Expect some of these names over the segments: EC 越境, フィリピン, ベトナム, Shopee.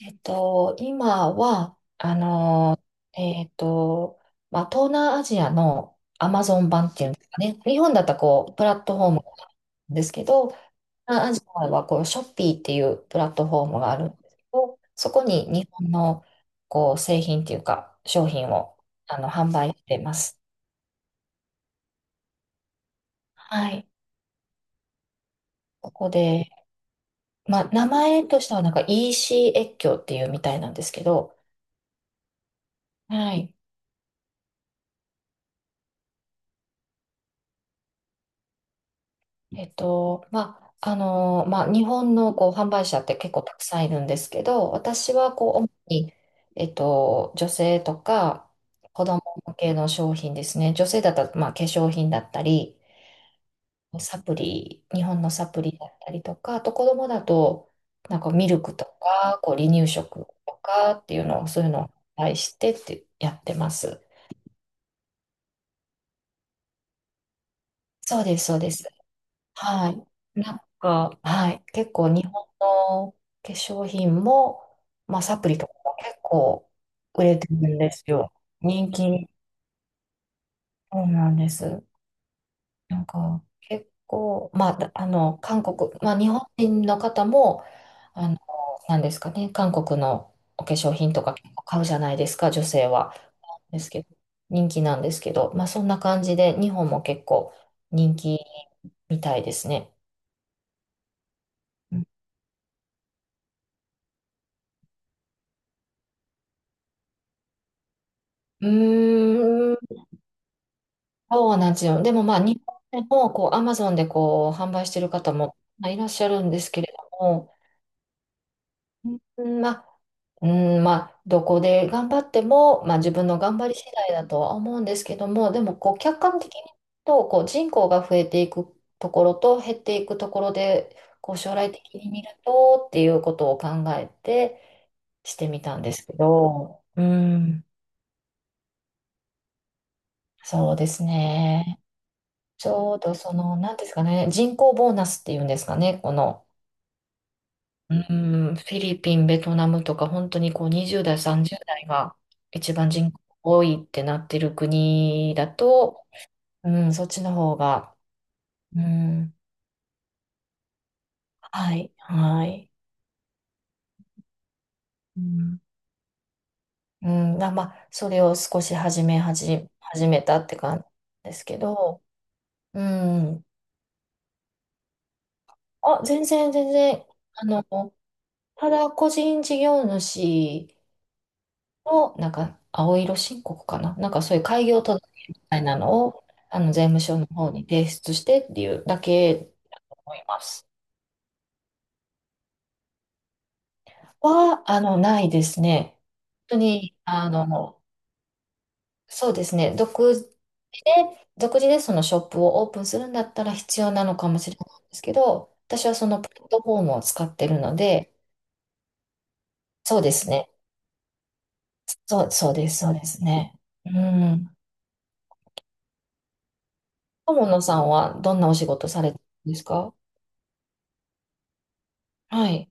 今は、えっと、まあ、東南アジアのアマゾン版っていうんですかね。日本だったらこう、プラットフォームなんですけど、東南アジアはこう、ショッピーっていうプラットフォームがあるんですけど、そこに日本のこう、製品っていうか、商品を販売してます。はい。ここで、まあ、名前としてはなんか EC 越境っていうみたいなんですけど、はい。まあ、まあ、日本のこう販売者って結構たくさんいるんですけど、私はこう、主に、女性とか子供向けの商品ですね。女性だったら、まあ、化粧品だったり、サプリ、日本のサプリだったりとか、あと子供だと、なんかミルクとか、こう、離乳食とかっていうのを、そういうのを販売してってやってます。そうです、そうです。はい。なんか、はい。結構日本の化粧品も、まあサプリとかも結構売れてるんですよ。人気。そうなんです。なんか結構、まあ、だあの、韓国、まあ日本人の方も、あの、なんですかね、韓国のお化粧品とか結構買うじゃないですか、女性は。ですけど、人気なんですけど、まあそんな感じで日本も結構人気みたいですね。うーん。そうなんですよ。でもまあ、日本でもこう、アマゾンでこう、販売してる方もまあいらっしゃるんですけれども、うんまあ、うんまあ、どこで頑張っても、まあ、自分の頑張り次第だとは思うんですけども、でもこう、客観的に言うと、こう、人口が増えていくところと減っていくところで、こう、将来的に見るとっていうことを考えてしてみたんですけど、うん、そうですね。ちょうどその、なんですかね、人口ボーナスっていうんですかね、この、うフィリピン、ベトナムとか、本当にこう20代、30代が一番人口多いってなってる国だと、うん、そっちの方が、うん、はい、はい。うん、うんだまあ、それを少し始めたって感じですけど、うん、あ、全然、全然、あの、ただ個人事業主、の、なんか、青色申告かななんかそういう開業届みたいなのを、税務署の方に提出してっていうだけだと思います。は、あの、ないですね。本当に、そうですね。独自でそのショップをオープンするんだったら必要なのかもしれないんですけど、私はそのプラットフォームを使ってるので、そうですね。そう、そうです、そうですね。うん。友野さんはどんなお仕事されてるんですか？はい。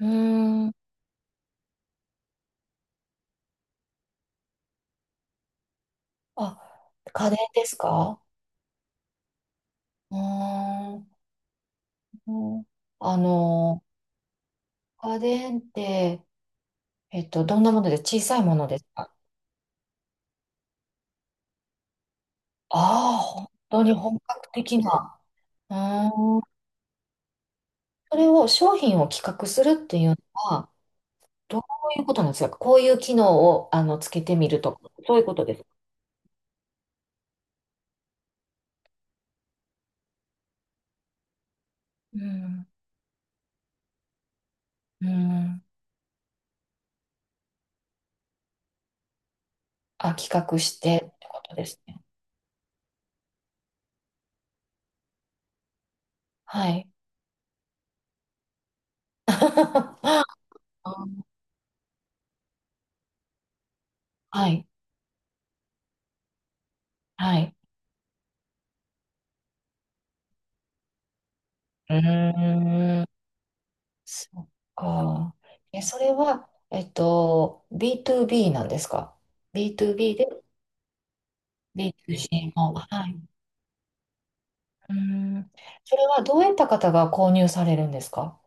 うーん。あ、家電ですか？うーん。あの、家電って、どんなもので小さいものですか？ああ、本当に本格的な。うーん。それを、商品を企画するっていうのは、どういうことなんですか？こういう機能を、つけてみるとか、そういうことですか？うん。うん。あ、企画してってことですね。はい。はい。はい。うーん。そっか。え、それは、B2B なんですか ?B2B で B2C の。はい。うーん。それはどういった方が購入されるんですか？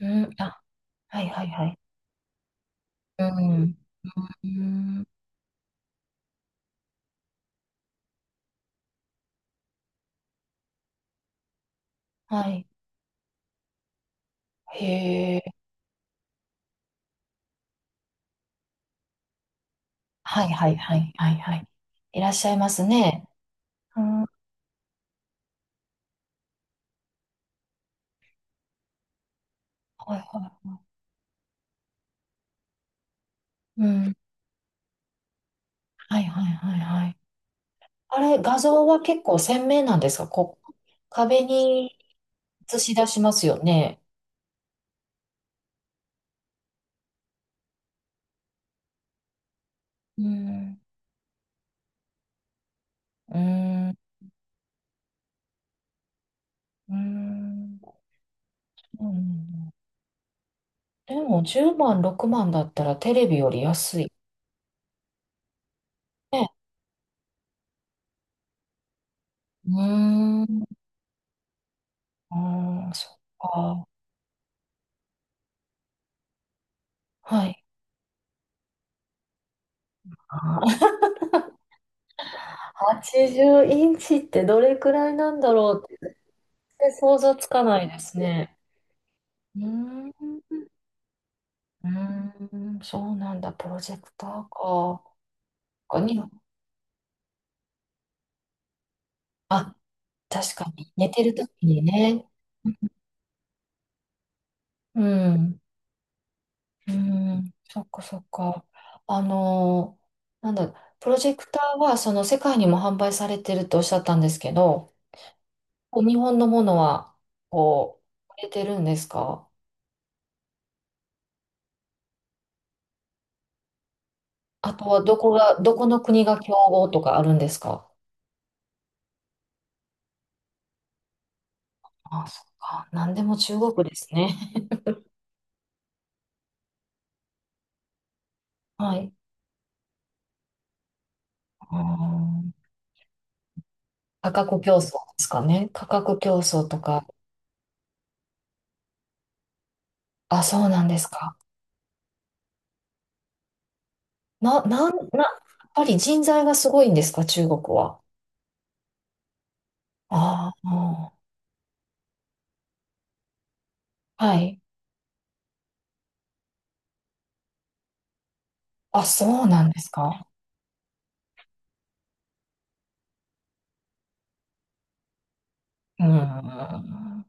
うん。あ、はいはいはい。うん。うん。はい。へえ。はいはいはいはいはい。いらっしゃいますね。うん。はいはい。うん。はいはいはいはい。あれ、画像は結構鮮明なんですか？こう、壁に映し出しますよね。うん、うん、うん、うん。でも10万、6万だったらテレビより安い。ね。うーん、うーん、そっか。はい。あー80インチってどれくらいなんだろうって、全然想像つかないですね。うーん、うーん、そうなんだ、プロジェクターか。他にあ、確かに、寝てるときにね。うん。うん、そっかそっか。あのなんだ、プロジェクターはその世界にも販売されてるとおっしゃったんですけど、こう日本のものはこう、売れてるんですか？あとはどこの国が競合とかあるんですか？あ、そっか。なんでも中国ですね。はい。うーん。価格競争ですかね。価格競争とか。あ、そうなんですか。な、なん、な、やっぱり人材がすごいんですか、中国は。ああ、うん。はい。あ、そうなんですか。うん。あ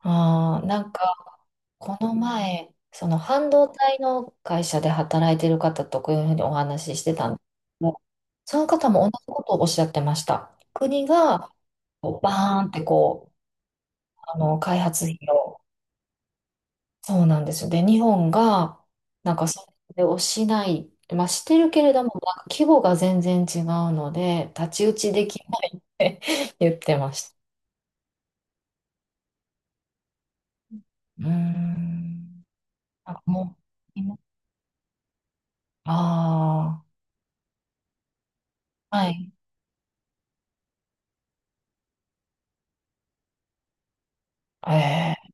あ、なんか、この前、その半導体の会社で働いてる方とこういうふうにお話ししてたんですけど、その方も同じことをおっしゃってました。国がこうバーンってこう、開発費を、そうなんですよ。で、日本が、なんかそれをしない、まあ、してるけれども、なんか規模が全然違うので、太刀打ちできないって言ってました。うーん。あ、もう、ああ、はい。ええ、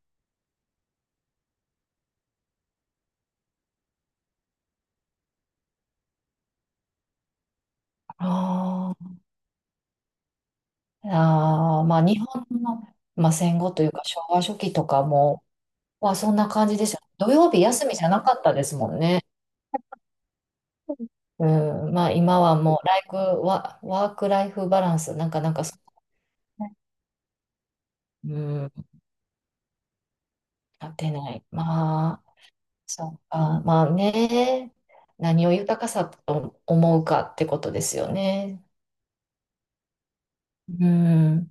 あーまあ日本の、まあ、戦後というか昭和初期とかも、まあそんな感じですよ。土曜日休みじゃなかったですもんね。うん、まあ今はもうライフワ、ワークライフバランス、なんかうん、なってない。まあ、そうか、まあね、何を豊かさと思うかってことですよね。うん。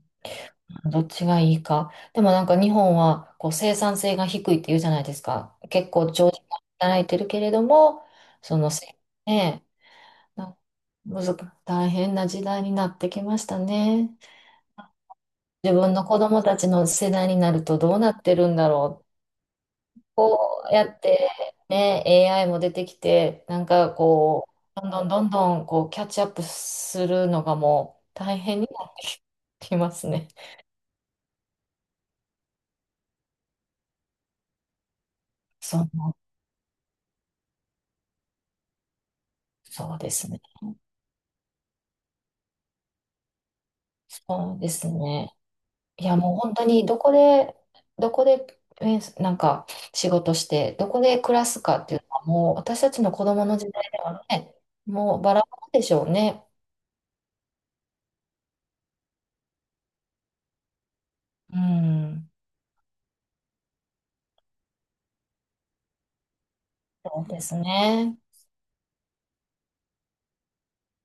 どっちがいいか。でもなんか日本はこう生産性が低いって言うじゃないですか。結構長時間働いてるけれども、そのせ、ねえ、なむずか、大変な時代になってきましたね。自分の子供たちの世代になるとどうなってるんだろう。こうやってね、AI も出てきて、なんかこう、どんどんどんどんこうキャッチアップするのがもう大変になってきますね。そう、そうですね。そうですね。いや、もう本当にどこで、なんか仕事して、どこで暮らすかっていうのは、もう私たちの子供の時代ではね、もうバラバラでしょうね。うん、そうですね。